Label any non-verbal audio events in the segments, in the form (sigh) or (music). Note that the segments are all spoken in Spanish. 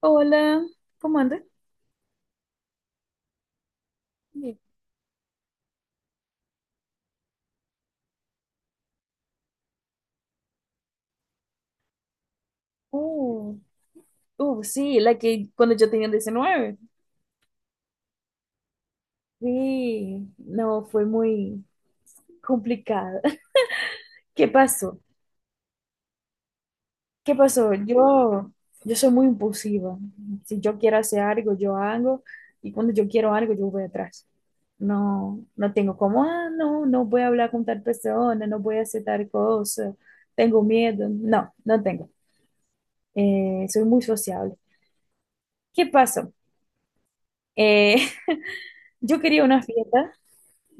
Hola, ¿cómo andas? Bien. Uh, sí, la que cuando yo tenía 19. Sí, no, fue muy complicada. (laughs) ¿Qué pasó? ¿Qué pasó? Yo soy muy impulsiva. Si yo quiero hacer algo, yo hago. Y cuando yo quiero algo, yo voy atrás. No tengo como, ah, no voy a hablar con tal persona, no voy a hacer tal cosa, tengo miedo. No tengo. Soy muy sociable. ¿Qué pasó? Eh, (laughs) yo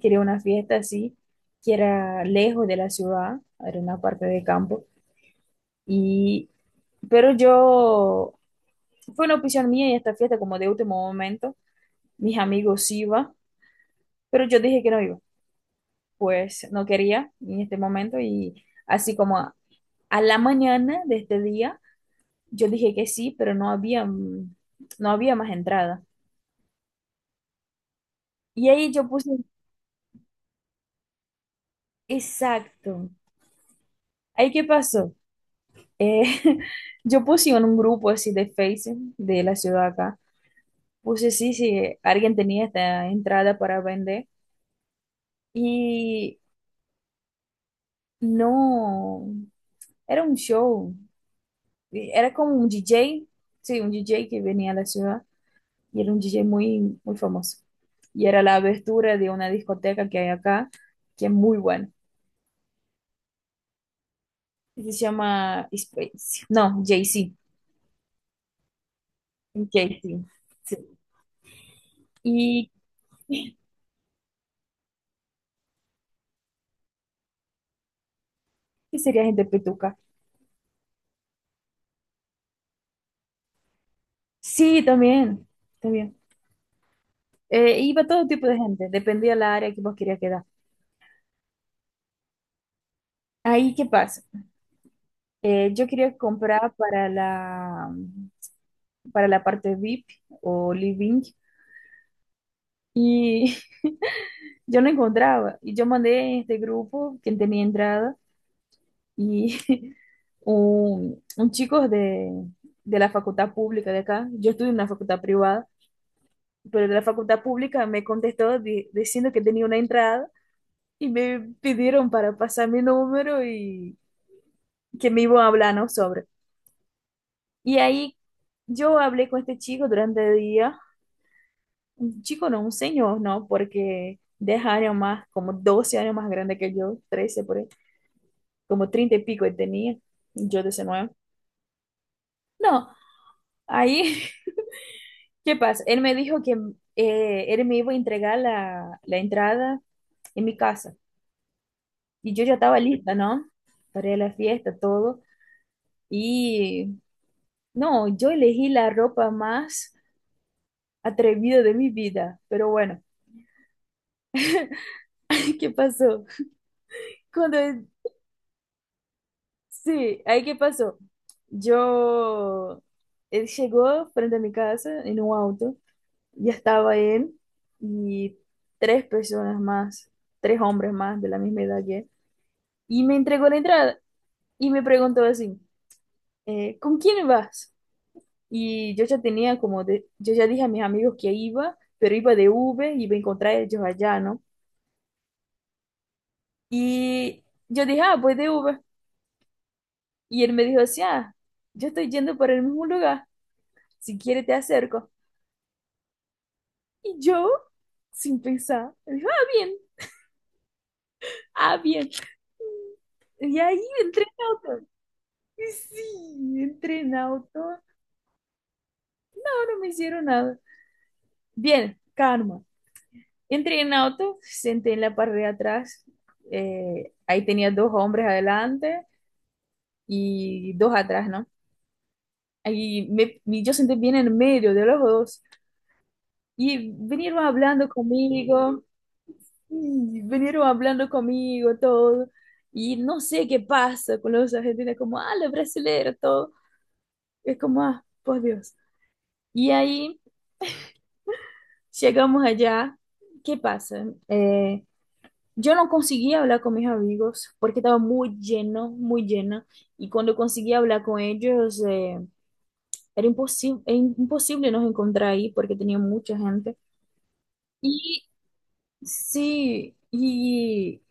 quería una fiesta así, que era lejos de la ciudad, era una parte de campo, y, pero yo, fue una opción mía y esta fiesta como de último momento, mis amigos iban, pero yo dije que no iba, pues no quería en este momento y así como a la mañana de este día, yo dije que sí, pero no había, no había más entrada. Y ahí yo puse, exacto. ¿Ahí qué pasó? Eh, (laughs) yo puse en un grupo así de Facebook de la ciudad acá, puse sí, si alguien tenía esta entrada para vender y no, era un show, era como un DJ, sí, un DJ que venía a la ciudad y era un DJ muy, muy famoso. Y era la abertura de una discoteca que hay acá, que es muy buena. Y se llama Space, no, JC, JC, sí. Y, (laughs) y sería gente petuca. Sí, también, también. Iba todo tipo de gente, dependía la área que vos querías quedar. Ahí, ¿qué pasa? Yo quería comprar para la parte VIP o living y (laughs) yo no encontraba. Y yo mandé en este grupo, quien tenía entrada, y (laughs) un chico de la facultad pública de acá, yo estudio en una facultad privada, pero de la facultad pública me contestó diciendo que tenía una entrada y me pidieron para pasar mi número y que me iba hablando sobre. Y ahí yo hablé con este chico durante el día, un chico no, un señor, ¿no? Porque 10 años más, como 12 años más grande que yo, 13 por ahí, como 30 y pico él tenía, yo 19. No, ahí, (laughs) ¿qué pasa? Él me dijo que él me iba a entregar la, la entrada en mi casa. Y yo ya estaba lista, ¿no? Para ir a la fiesta, todo. Y no, yo elegí la ropa más atrevida de mi vida, pero bueno. (laughs) ¿Qué pasó? Cuando, sí, ahí qué pasó. Yo, él llegó frente a mi casa en un auto, ya estaba él y tres personas más, tres hombres más de la misma edad que él, y me entregó la entrada y me preguntó así, ¿con quién vas? Y yo ya tenía como, yo ya dije a mis amigos que iba, pero iba de Uber, iba a encontrar ellos allá, ¿no? Y yo dije, ah, pues de Uber. Y él me dijo así, ah, yo estoy yendo para el mismo lugar, si quieres te acerco. Y yo, sin pensar, me dijo, ah, bien, ah, bien. Y ahí entré en auto. Y sí, entré en auto, no me hicieron nada. Bien, calma. Entré en auto, senté en la parte de atrás, ahí tenía dos hombres adelante y dos atrás, ¿no? Y me, y yo senté bien en medio de los dos y vinieron hablando conmigo. Y vinieron hablando conmigo, todo. Y no sé qué pasa con los argentinos, como, ah, los brasileños, todo. Es como, ah, por Dios. Y ahí llegamos allá. ¿Qué pasa? Yo no conseguía hablar con mis amigos porque estaba muy lleno, muy llena. Y cuando conseguía hablar con ellos, era imposible, imposible nos encontrar ahí porque tenía mucha gente. Y sí, y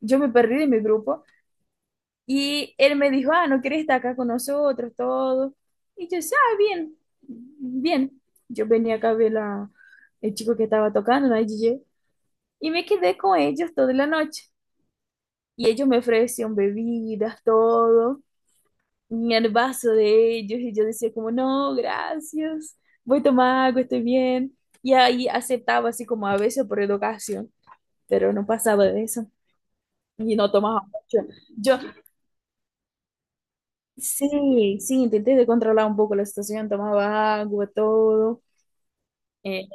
yo me perdí de mi grupo. Y él me dijo, ah, ¿no quieres estar acá con nosotros, todo? Y yo, ah, bien, bien. Yo venía acá a ver la, el chico que estaba tocando, la DJ, y me quedé con ellos toda la noche. Y ellos me ofrecían bebidas, todo, y el vaso de ellos, y yo decía como, no, gracias, voy a tomar agua, estoy bien. Y ahí aceptaba así como a veces por educación, pero no pasaba de eso, y no tomaba mucho. Yo Sí, sí, intenté de controlar un poco la situación, tomaba agua, todo. Eh,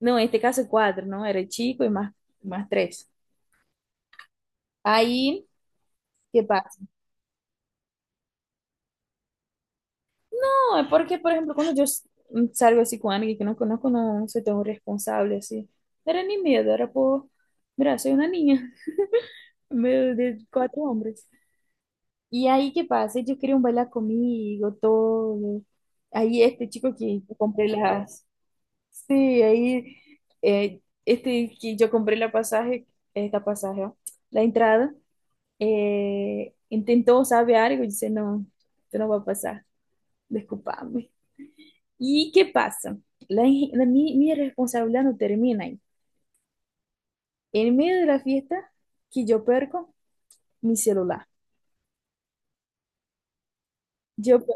no, en este caso cuatro, ¿no? Era el chico y más, más tres. Ahí, ¿qué pasa? No, es porque, por ejemplo, cuando yo salgo así con alguien que no conozco, no soy tan responsable así. No era ni miedo, era por, mira, soy una niña (laughs) en medio de cuatro hombres. Y ahí, ¿qué pasa? Ellos querían bailar conmigo, todo. Ahí este chico que compré las. Sí, ahí que yo compré la pasaje, esta pasaje, ó, la entrada, intentou, sabe, algo, e disse, no eu não vou passar, desculpa-me. E que passa? La, in- la, mi responsabilidad no termina ahí. En medio de la fiesta, que yo perco mi celular. Yo pe-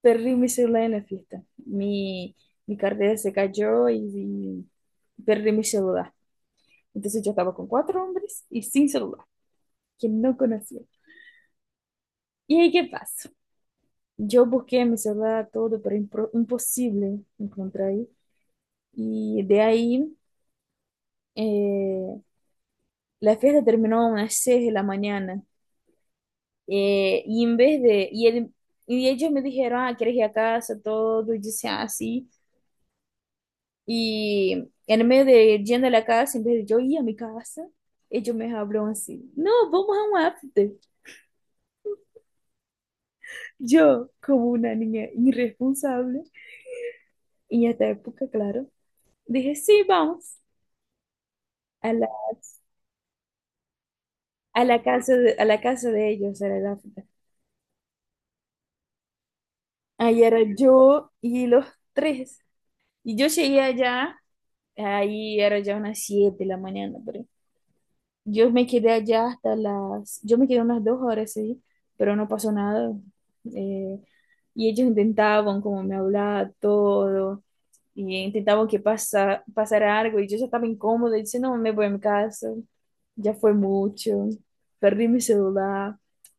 perdí mi celular en la fiesta. Mi cartera se cayó y perdí mi celular. Entonces yo estaba con cuatro hombres y sin celular, que no conocía. Y ahí qué pasó, yo busqué meu celular todo, pero impossível encontrar aí. E daí, eh, la fiesta terminó a unas 6 de la mañana. Y en vez de, y, el- y ellos me dijeron, ah, ¿quieres ir a casa? Todo, y dice, ah, sí. Y en medio de yendo a la casa, en vez de yo ir a mi casa, ellos me hablaron así, no, vamos a un after. Yo, como una niña irresponsable, y en esta época, claro, dije, sí, vamos. A las a la casa de, a la casa de ellos, era el África. Ahí era yo y los tres. Y yo llegué allá, ahí era ya unas 7 de la mañana, pero yo me quedé allá hasta las, yo me quedé unas dos horas, sí, pero no pasó nada. Eh, y ellos intentaban como me hablar todo, y intentaban que pasara algo, y yo ya estaba incómoda, y dice, no, me voy a mi casa, ya fue mucho, perdí mi celular,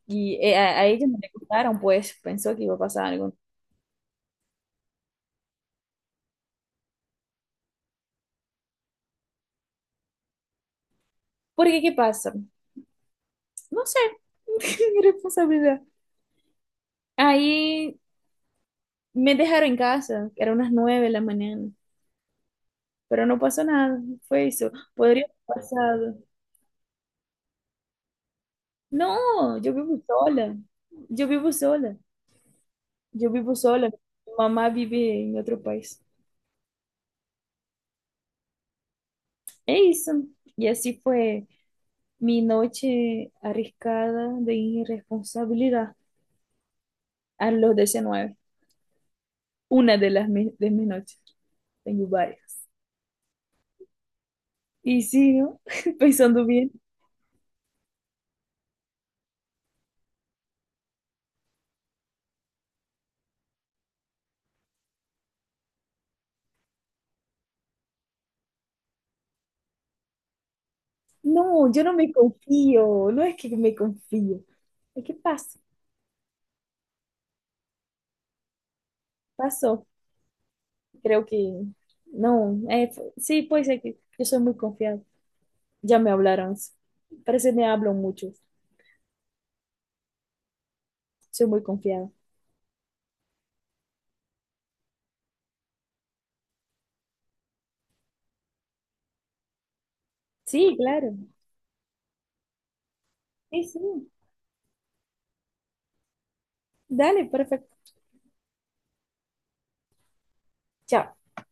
y a ellos no le gustaron, pues pensó que iba a pasar algo. Porque, ¿qué pasa? No sé, (laughs) mi responsabilidad. Ahí me dejaron en casa, eran unas nueve de la mañana. Pero no pasó nada, fue eso. Podría haber pasado. No, yo vivo sola, yo vivo sola. Mi mamá vive en otro país. É isso. Y así fue mi noche arriesgada de irresponsabilidad a los diecinueve. Una de de mis noches. Tengo varias. Y sí, ¿no? (laughs) Pensando bien. No, yo no me confío. No es que me confío. Es que pasa. Pasó. Creo que no, sí, puede ser que yo soy muy confiada. Ya me hablaron, parece que me hablan mucho, soy muy confiada. Sí, claro, sí, sí, dale, perfecto. Chao.